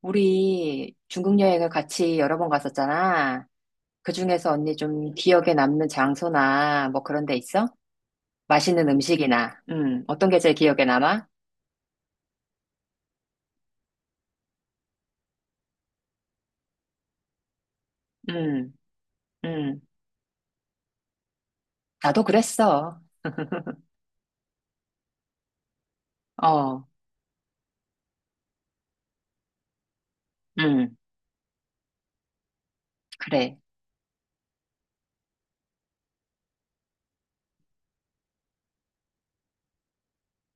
우리 중국 여행을 같이 여러 번 갔었잖아. 그 중에서 언니 좀 기억에 남는 장소나 뭐 그런 데 있어? 맛있는 음식이나, 어떤 게 제일 기억에 남아? 음, 음, 나도 그랬어. 어, 음, 그래.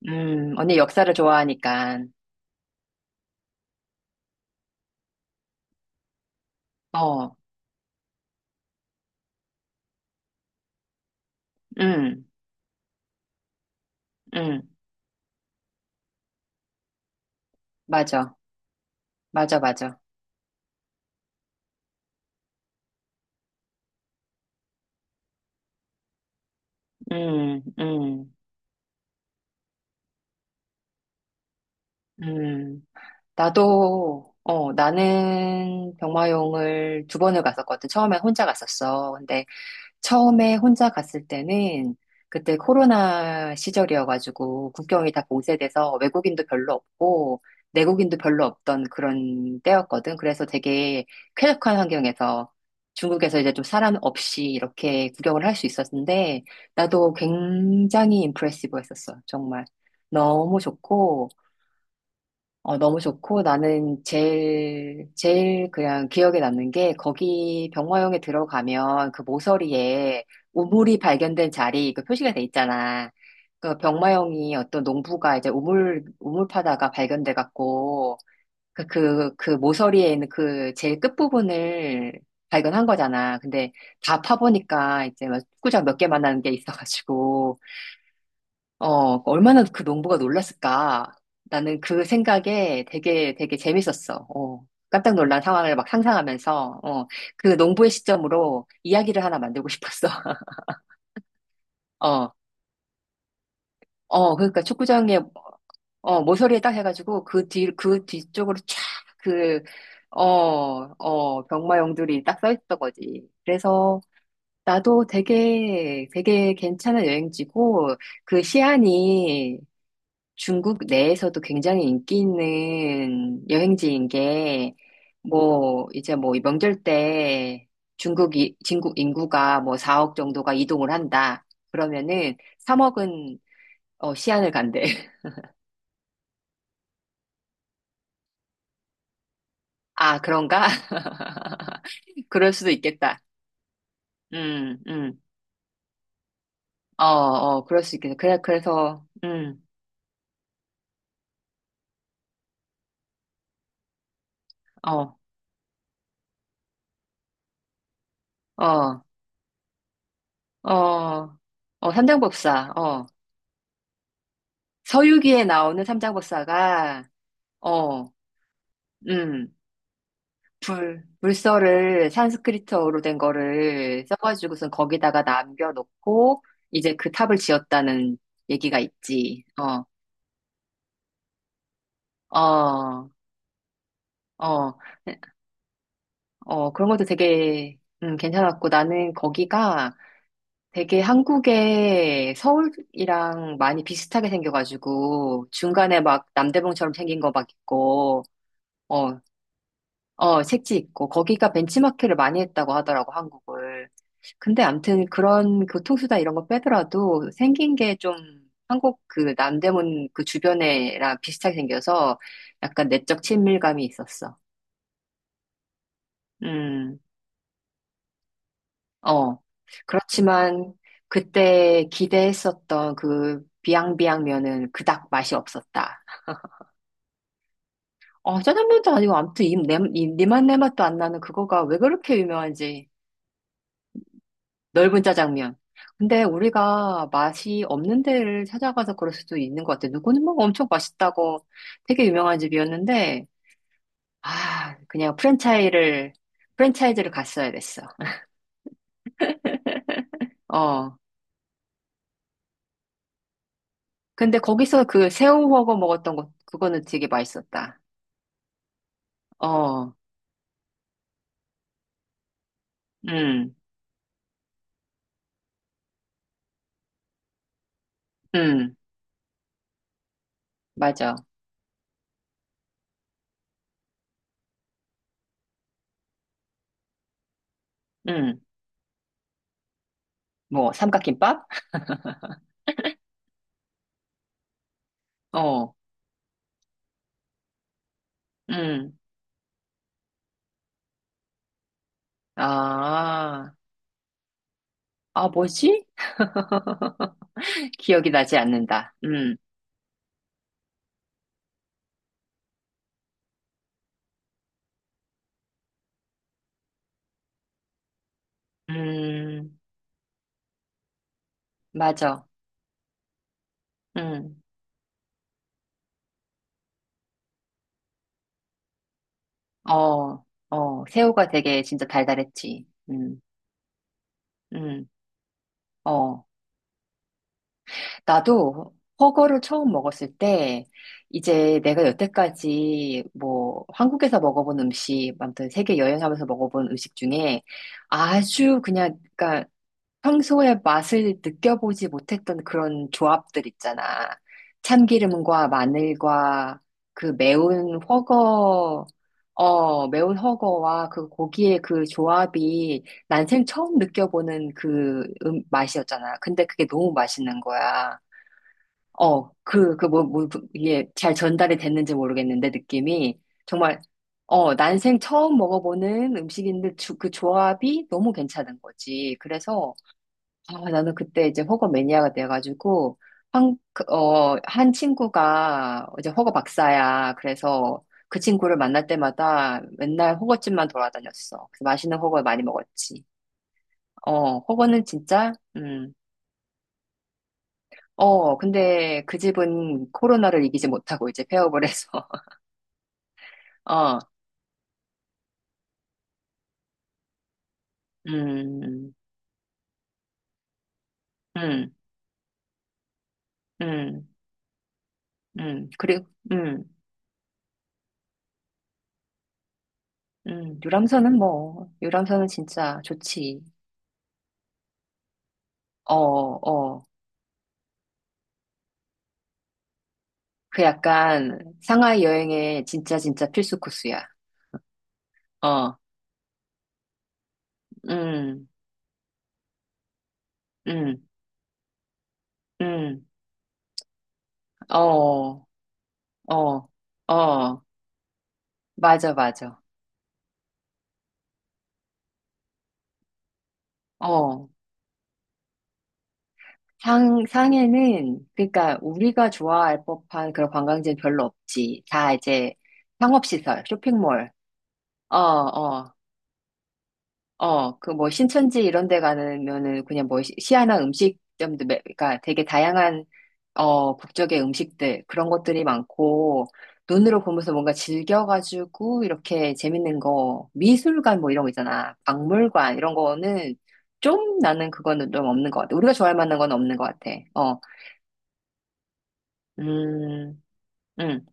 언니 역사를 좋아하니까. 어, 음, 음, 맞아. 맞아, 맞아. 음, 음, 음. 나도, 어, 나는 병마용을 두 번을 갔었거든. 처음엔 혼자 갔었어. 근데 처음에 혼자 갔을 때는 그때 코로나 시절이어가지고 국경이 다 봉쇄돼서 외국인도 별로 없고 내국인도 별로 없던 그런 때였거든. 그래서 되게 쾌적한 환경에서 중국에서 이제 좀 사람 없이 이렇게 구경을 할 수 있었는데 나도 굉장히 임프레시브했었어. 정말 너무 좋고 어, 너무 좋고 나는 제일, 제일 그냥 기억에 남는 게 거기 병화용에 들어가면 그 모서리에 우물이 발견된 자리 그 표시가 돼 있잖아. 그 병마용이 어떤 농부가 이제 우물 파다가 발견돼 갖고 그 모서리에 있는 그 제일 끝부분을 발견한 거잖아. 근데 다 파보니까 이제 막 축구장 몇 개 만나는 게 있어가지고 어, 얼마나 그 농부가 놀랐을까. 나는 그 생각에 되게 되게 재밌었어. 어, 깜짝 놀란 상황을 막 상상하면서, 어, 그 농부의 시점으로 이야기를 하나 만들고 싶었어. 어, 어, 그러니까 축구장에, 어, 모서리에 딱 해가지고 그 뒤, 그 뒤쪽으로 쫙 그, 어, 어, 병마용들이 딱 써 있던 거지. 그래서 나도 되게, 되게 괜찮은 여행지고 그 시안이 중국 내에서도 굉장히 인기 있는 여행지인 게, 뭐, 이제 뭐, 명절 때 중국 인구가 뭐 4억 정도가 이동을 한다. 그러면은 3억은 어, 시안을 간대. 아, 그런가? 그럴 수도 있겠다. 음, 음. 어, 어, 그럴 수 있겠다. 그래, 그래서, 어, 어, 어, 어, 삼장법사, 어. 서유기에 나오는 삼장법사가, 어, 음. 불 물서를 산스크리트어로 된 거를 써가지고선 거기다가 남겨놓고 이제 그 탑을 지었다는 얘기가 있지. 어, 어, 어, 어, 그런 것도 되게 괜찮았고 나는 거기가 되게 한국의 서울이랑 많이 비슷하게 생겨가지고 중간에 막 남대문처럼 생긴 거 막 있고 어, 어, 색지 있고, 거기가 벤치마킹을 많이 했다고 하더라고, 한국을. 근데 암튼 그런 교통수단 이런 거 빼더라도 생긴 게 좀 한국 그 남대문 그 주변에랑 비슷하게 생겨서 약간 내적 친밀감이 있었어. 음, 어. 그렇지만 그때 기대했었던 그 비앙비앙면은 그닥 맛이 없었다. 어, 짜장면도 아니고 아무튼 니맛 내맛도 안 나는 그거가 왜 그렇게 유명한지. 넓은 짜장면. 근데 우리가 맛이 없는 데를 찾아가서 그럴 수도 있는 것 같아. 누구는 막 엄청 맛있다고 되게 유명한 집이었는데, 아, 그냥 프랜차이즈를 갔어야 됐어. 어. 근데 거기서 그 새우훠궈 먹었던 것, 그거는 되게 맛있었다. 어. 음, 음, 맞아. 음, 뭐, 삼각김밥? 어, 음. 아, 아, 뭐지? 기억이 나지 않는다. 음. 맞아. 응. 어, 어, 새우가 되게 진짜 달달했지. 응, 응, 어. 나도 허거를 처음 먹었을 때, 이제 내가 여태까지 뭐 한국에서 먹어본 음식, 아무튼 세계 여행하면서 먹어본 음식 중에 아주 그냥, 그러니까 평소에 맛을 느껴보지 못했던 그런 조합들 있잖아. 참기름과 마늘과 그 매운 허거, 어, 매운 허거와 그 고기의 그 조합이 난생 처음 느껴보는 그 맛이었잖아. 근데 그게 너무 맛있는 거야. 어, 그, 그 뭐, 그 이게 잘 전달이 됐는지 모르겠는데 느낌이 정말, 어, 난생 처음 먹어보는 음식인데 주- 그 조합이 너무 괜찮은 거지. 그래서 아, 나는 그때 이제 허거 매니아가 돼가지고, 한, 그, 어, 한 친구가 이제 허거 박사야. 그래서 그 친구를 만날 때마다 맨날 허거집만 돌아다녔어. 그래서 맛있는 허거 많이 먹었지. 어, 허거는 진짜, 어, 근데 그 집은 코로나를 이기지 못하고 이제 폐업을 해서, 어, 음, 음, 음, 그리고, 음, 유람선은 뭐, 유람선은 진짜 좋지. 어, 어. 그 약간 상하이 여행의 진짜 진짜 필수 코스야. 어, 음, 음, 음, 어, 어, 어, 맞아, 맞아. 어, 상해는, 그러니까 우리가 좋아할 법한 그런 관광지는 별로 없지. 다 이제 상업시설, 쇼핑몰, 어, 어, 어, 그 뭐 신천지 이런 데 가면은 그냥 뭐 시- 시아나 음식점도, 매, 그러니까 되게 다양한, 어, 국적의 음식들, 그런 것들이 많고, 눈으로 보면서 뭔가 즐겨가지고, 이렇게 재밌는 거, 미술관 뭐 이런 거 있잖아. 박물관, 이런 거는 좀 나는 그거는 좀 없는 것 같아. 우리가 좋아할 만한 건 없는 것 같아. 어, 음, 음.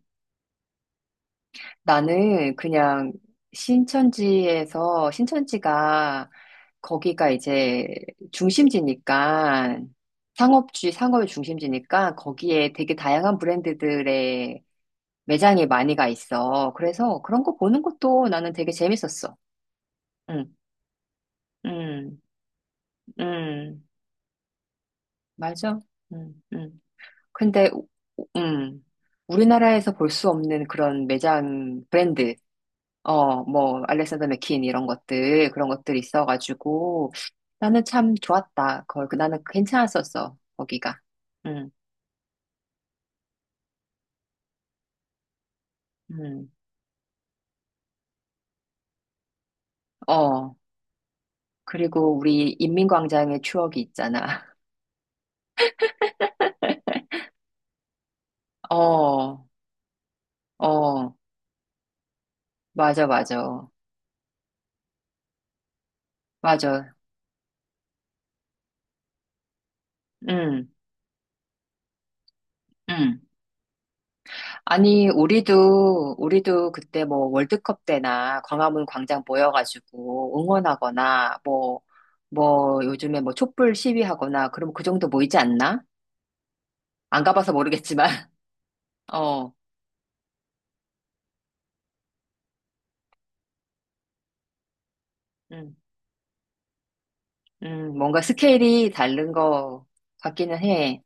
나는 그냥 신천지에서, 신천지가 거기가 이제 중심지니까 상업의 중심지니까 거기에 되게 다양한 브랜드들의 매장이 많이 가 있어. 그래서 그런 거 보는 것도 나는 되게 재밌었어. 응, 응, 응, 맞아. 응, 응. 근데, 우- 음, 우리나라에서 볼 수 없는 그런 매장 브랜드, 어, 뭐, 알렉산더 맥퀸 이런 것들, 그런 것들이 있어가지고, 나는 참 좋았다. 거, 나는 괜찮았었어, 거기가. 응, 응, 어. 그리고 우리 인민광장의 추억이 있잖아. 어, 어, 맞아, 맞아. 맞아. 응, 응. 아니, 우리도 그때 뭐 월드컵 때나 광화문 광장 모여가지고 응원하거나, 뭐, 요즘에 뭐 촛불 시위하거나, 그럼 그 정도 모이지 않나? 안 가봐서 모르겠지만, 어, 음, 뭔가 스케일이 다른 거 같기는 해.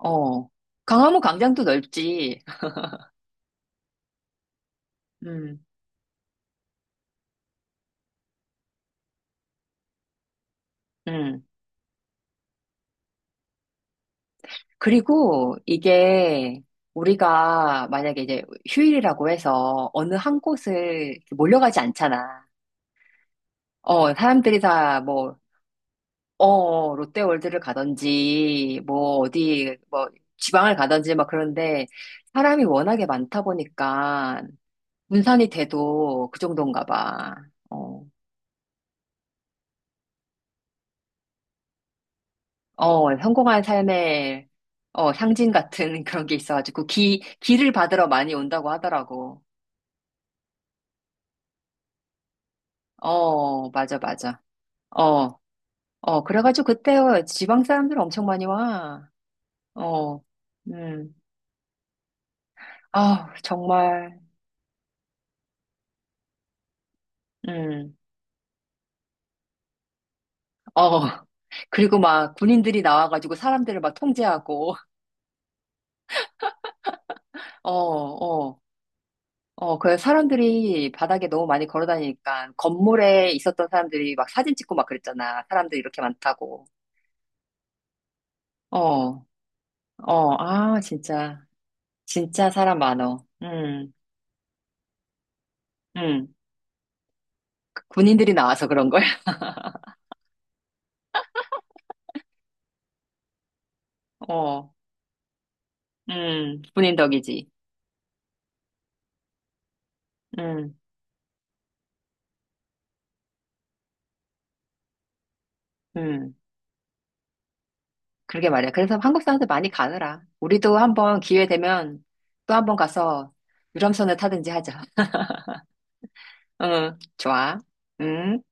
어, 강화문 광장도 넓지. 음, 음. 그리고 이게 우리가 만약에 이제 휴일이라고 해서 어느 한 곳을 이렇게 몰려가지 않잖아. 어, 사람들이 다 뭐, 어, 롯데월드를 가든지, 뭐, 어디, 뭐, 지방을 가든지 막 그런데 사람이 워낙에 많다 보니까 분산이 돼도 그 정도인가 봐. 어, 어, 성공한 삶의 어, 상징 같은 그런 게 있어가지고 기를 받으러 많이 온다고 하더라고. 어, 맞아, 맞아. 어, 어, 그래가지고 그때 지방 사람들 엄청 많이 와. 어, 음, 아, 정말, 음, 어. 그리고 막 군인들이 나와가지고 사람들을 막 통제하고, 어, 어, 그 사람들이 바닥에 너무 많이 걸어 다니니까 건물에 있었던 사람들이 막 사진 찍고 막 그랬잖아. 사람들 이렇게 이 많다고. 어, 어, 아, 진짜. 진짜 사람 많어. 음. 군인들이 나와서 그런 거야. 어, 군인 덕이지. 음, 음. 그러게 말이야. 그래서 한국 사람들 많이 가느라. 우리도 한번 기회 되면 또 한번 가서 유람선을 타든지 하자. 응, 좋아. 응.